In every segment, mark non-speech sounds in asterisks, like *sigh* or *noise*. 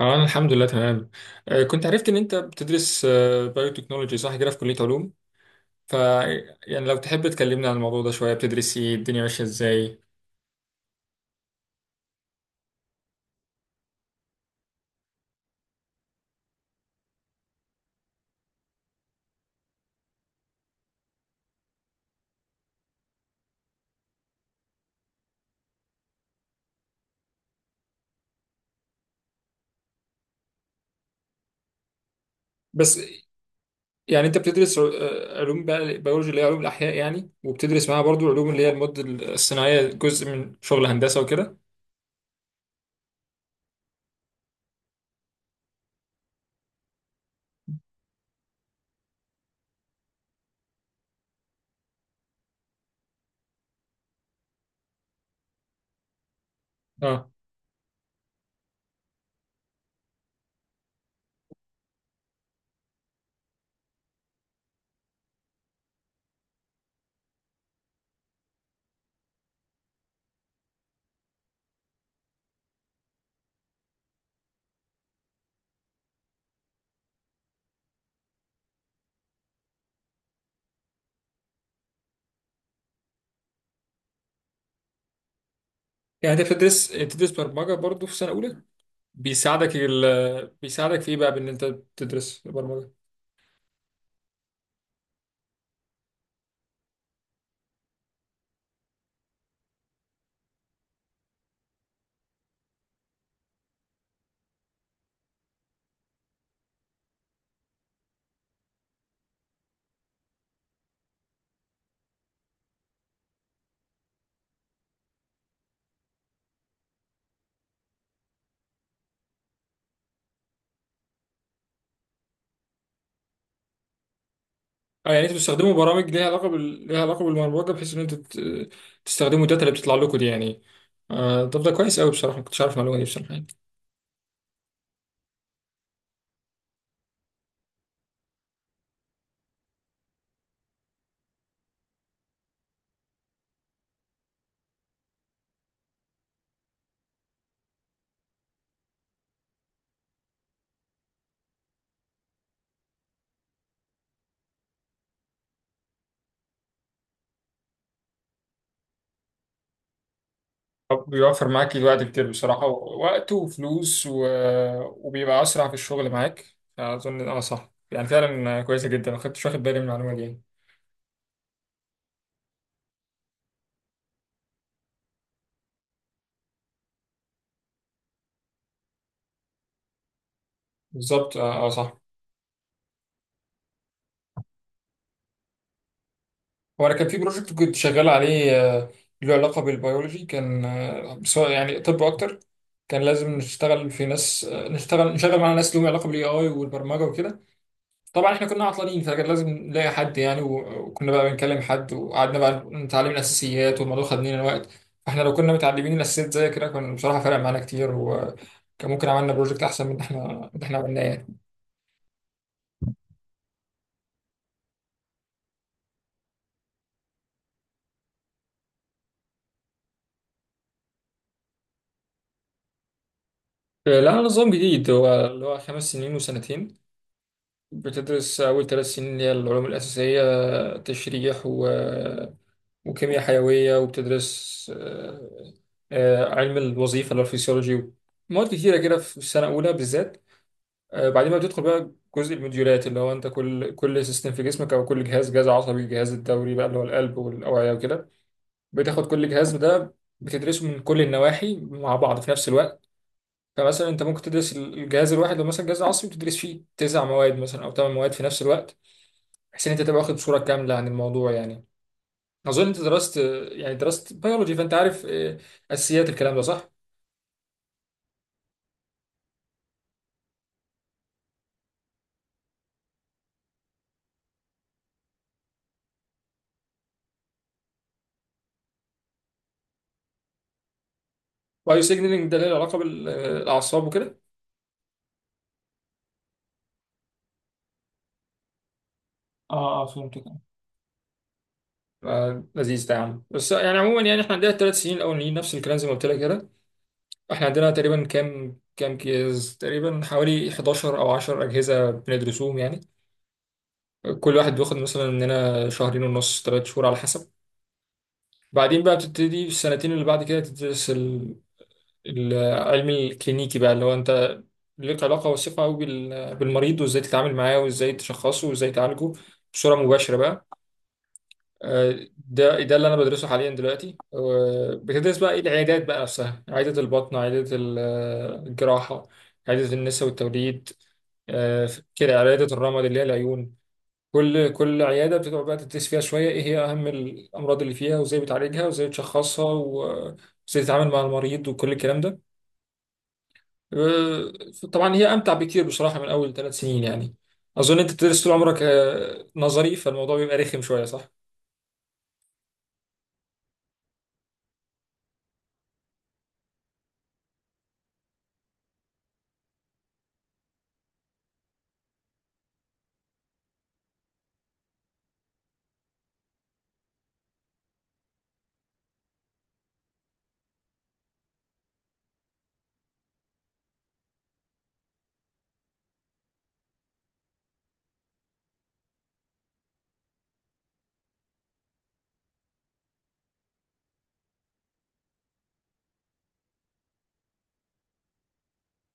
اه انا الحمد لله تمام. كنت عرفت ان انت بتدرس بايوتكنولوجي، صح كده، في كلية علوم. ف يعني لو تحب تكلمنا عن الموضوع ده شوية، بتدرس ايه؟ الدنيا ماشية ازاي؟ بس يعني انت بتدرس علوم بقى بيولوجي اللي هي علوم الاحياء يعني، وبتدرس معاها برضو العلوم اللي هي المواد الصناعية، جزء من شغل هندسة وكده. اه يعني انت بتدرس برمجة برضو في سنة اولى؟ بيساعدك في ايه بقى، بان انت تدرس برمجة؟ اه يعني انتوا بتستخدموا برامج ليها علاقه بالبرمجه، بحيث ان انتوا تستخدموا الداتا اللي بتطلع لكم دي يعني. طب ده كويس قوي بصراحه، ما كنتش عارف المعلومه دي بصراحه يعني. طب بيوفر معاك الوقت كتير بصراحه، وقت وفلوس وبيبقى اسرع في الشغل معاك اظن، اه صح، يعني فعلا كويسه جدا، ما كنتش واخد بالي من المعلومه دي يعني. بالظبط اه، صح. هو انا كان في بروجكت كنت شغال عليه آه، له علاقه بالبيولوجي، كان سواء يعني طب اكتر، كان لازم نشتغل في ناس، آه، نشتغل نشغل مع ناس لهم علاقه بالاي اي والبرمجه وكده. طبعا احنا كنا عطلانين، فكان لازم نلاقي حد يعني، وكنا بقى بنكلم حد وقعدنا بقى نتعلم الاساسيات، والموضوع خد مننا وقت. فاحنا لو كنا متعلمين الاساسيات زي كده، كان بصراحه فرق معانا كتير، وكان ممكن عملنا بروجكت احسن من اللي احنا عملناه يعني. لا، نظام جديد، هو اللي هو خمس سنين وسنتين. بتدرس أول ثلاث سنين اللي هي العلوم الأساسية، تشريح وكيمياء حيوية، وبتدرس علم الوظيفة اللي هو الفسيولوجي، مواد كتيرة كده في السنة الأولى بالذات. بعدين بقى بتدخل بقى جزء الموديولات، اللي هو أنت كل سيستم في جسمك أو كل جهاز، جهاز عصبي، الجهاز الدوري بقى اللي هو القلب والأوعية وكده. بتاخد كل جهاز ده بتدرسه من كل النواحي مع بعض في نفس الوقت. فمثلا أنت ممكن تدرس الجهاز الواحد، لو مثلا جهاز عصبي بتدرس فيه تسع مواد مثلا أو ثمان مواد في نفس الوقت، بحيث ان انت تبقى واخد صوره كامله عن الموضوع يعني. اظن انت درست، يعني درست بيولوجي، فانت عارف اساسيات الكلام ده صح؟ وايو سيجنالينج ده له علاقه بالاعصاب وكده؟ اه اه، فهمت كده. لذيذ ده يا عم. بس يعني عموما يعني احنا عندنا الثلاث سنين الاولانيين نفس الكلام زي ما قلت لك كده. احنا عندنا تقريبا كام كيس تقريبا، حوالي 11 او 10 اجهزه بندرسوهم يعني. كل واحد بياخد مثلا مننا شهرين ونص، ثلاث شهور على حسب. بعدين بقى بتبتدي في السنتين اللي بعد كده تدرس العلم الكلينيكي بقى، اللي هو انت ليك علاقة وثيقة قوي بالمريض، وازاي تتعامل معاه، وازاي تشخصه، وازاي تعالجه بصورة مباشرة بقى. آه، ده اللي انا بدرسه حاليا دلوقتي. بتدرس بقى ايه؟ العيادات بقى نفسها، عيادة البطن، عيادة ال- آه، الجراحة، عيادة النساء والتوليد، آه، كده عيادة الرمد اللي هي العيون. كل عيادة بتقعد بقى تدرس فيها شوية ايه هي اهم الامراض اللي فيها، وازاي بتعالجها، وازاي بتشخصها، وازاي تتعامل مع المريض، وكل الكلام ده. آه، طبعا هي امتع بكتير بصراحه من اول ثلاث سنين يعني. اظن انت بتدرس طول عمرك نظري، فالموضوع بيبقى رخم شويه صح؟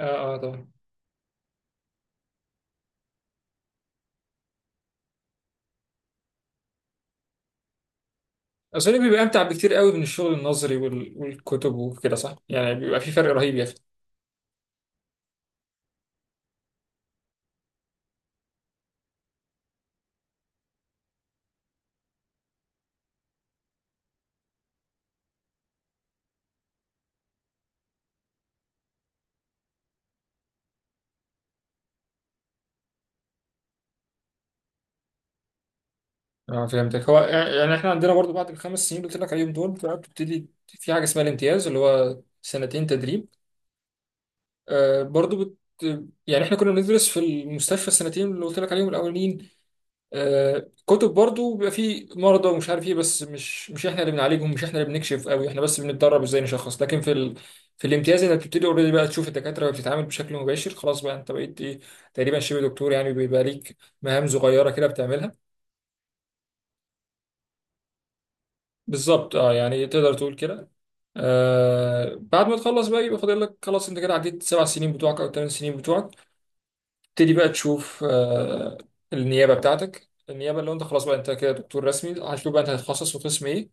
اه اه طبعا. اظن بيبقى امتع بكتير قوي من الشغل النظري والكتب وكده صح، يعني بيبقى في فرق رهيب يا اخي. اه فهمتك. هو يعني احنا عندنا برضو بعد الخمس سنين اللي قلت لك عليهم دول، بقى بتبتدي في حاجه اسمها الامتياز، اللي هو سنتين تدريب. آه برضو بت يعني احنا كنا بندرس في المستشفى السنتين اللي قلت لك عليهم الاولين، كتب برضو بيبقى فيه مرضى ومش عارف ايه، بس مش احنا اللي بنعالجهم، مش احنا اللي بنكشف قوي، احنا بس بنتدرب ازاي نشخص. لكن في الامتياز انك بتبتدي اوريدي بقى تشوف الدكاتره بتتعامل بشكل مباشر، خلاص بقى انت بقيت ايه، تقريبا شبه دكتور يعني، بيبقى ليك مهام صغيره كده بتعملها. بالظبط اه، يعني تقدر تقول كده. آه، بعد ما تخلص بقى، يبقى فاضل لك خلاص، انت كده عديت السبع سنين بتوعك او الثمان سنين بتوعك، تبتدي بقى تشوف آه النيابه بتاعتك. النيابه اللي هو انت خلاص بقى انت كده دكتور رسمي، هتشوف بقى انت هتتخصص في قسم ايه،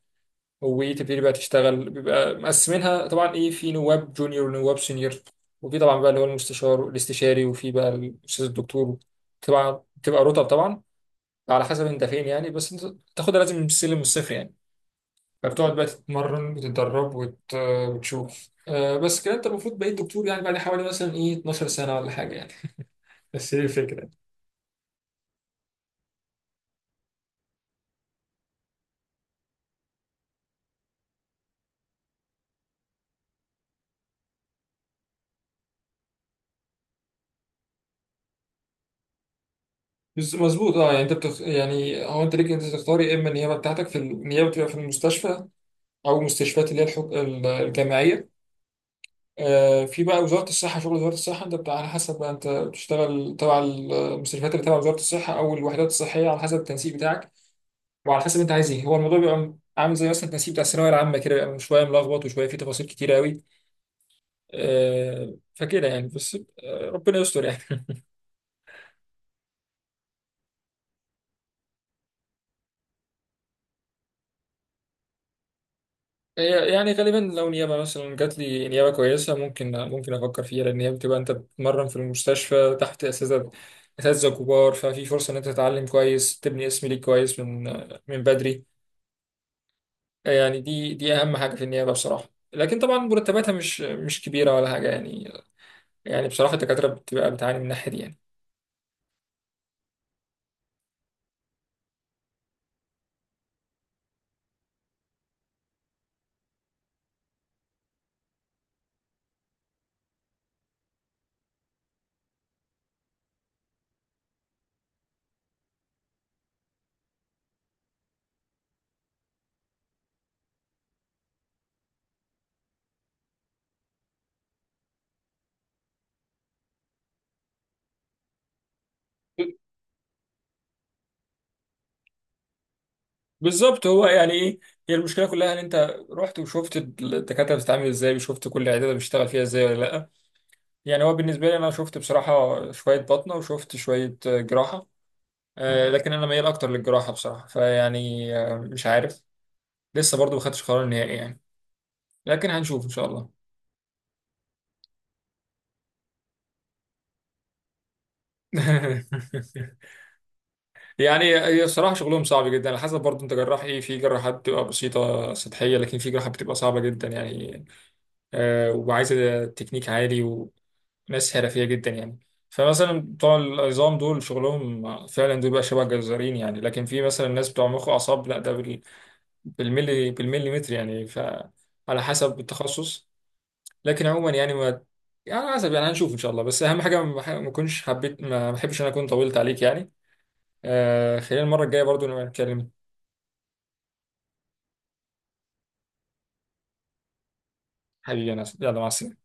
وتبتدي بقى تشتغل. بيبقى مقسمينها طبعا ايه، في نواب جونيور ونواب سينيور، وفي طبعا بقى اللي هو المستشار الاستشاري، وفي بقى الاستاذ الدكتور. طبعا بتبقى رتب طبعا، على حسب انت فين يعني، بس انت تاخدها لازم من السلم والصفر يعني. فبتقعد بقى تتمرن وتتدرب وتشوف آه. بس كده انت المفروض بقيت دكتور يعني بعد حوالي مثلا ايه 12 سنه ولا حاجه يعني. بس هي الفكره. مظبوط اه. يعني يعني هو انت ليك انت تختار، يا اما النيابه بتاعتك، في النيابه بتبقى في المستشفى او مستشفيات اللي هي الجامعيه. في بقى وزارة الصحة، شغل وزارة الصحة انت بتاع على حسب بقى، انت بتشتغل تبع المستشفيات اللي تبع وزارة الصحة، او الوحدات الصحية، على حسب التنسيق بتاعك وعلى حسب انت عايز ايه. هو الموضوع بيبقى عامل زي مثلا التنسيق بتاع الثانوية العامة كده، بيبقى شوية ملخبط وشوية فيه تفاصيل كتير قوي. فكده يعني بس. ربنا يستر يعني. *laughs* يعني غالبا لو نيابة مثلا جات لي نيابة كويسة، ممكن افكر فيها، لان هي بتبقى انت بتتمرن في المستشفى تحت اساتذة كبار، ففي فرصة ان انت تتعلم كويس، تبني اسم ليك كويس من من بدري يعني. دي اهم حاجه في النيابه بصراحه، لكن طبعا مرتباتها مش كبيره ولا حاجه يعني، يعني بصراحه الدكاتره بتبقى بتعاني من الناحيه دي يعني. بالظبط. هو يعني ايه، هي المشكله كلها ان انت رحت وشفت الدكاتره بتتعامل ازاي، وشفت كل عياده بيشتغل فيها ازاي ولا لا. يعني هو بالنسبه لي انا شفت بصراحه شويه بطنه وشفت شويه جراحه، لكن انا ميال اكتر للجراحه بصراحه، فيعني مش عارف، لسه برضو ما خدتش قرار نهائي يعني، لكن هنشوف ان شاء الله. *laughs* يعني هي صراحة شغلهم صعب جدا، على حسب برضه انت جراح ايه. في جراحات بتبقى بسيطة سطحية، لكن في جراحات بتبقى صعبة جدا يعني، وعايزة تكنيك عالي وناس حرفية جدا يعني. فمثلا بتوع العظام دول شغلهم فعلا دول بقى شبه جزارين يعني، لكن في مثلا ناس بتوع مخ وأعصاب لا، ده بالملي بالمليمتر يعني، فعلى حسب التخصص. لكن عموما يعني ما يعني على حسب، يعني هنشوف ان شاء الله. بس اهم حاجة ما بحبش ان انا اكون طولت عليك يعني. آه خلينا المرة الجاية برضو نبقى نتكلم. حبيبي يا ناصر، يلا مع السلامة.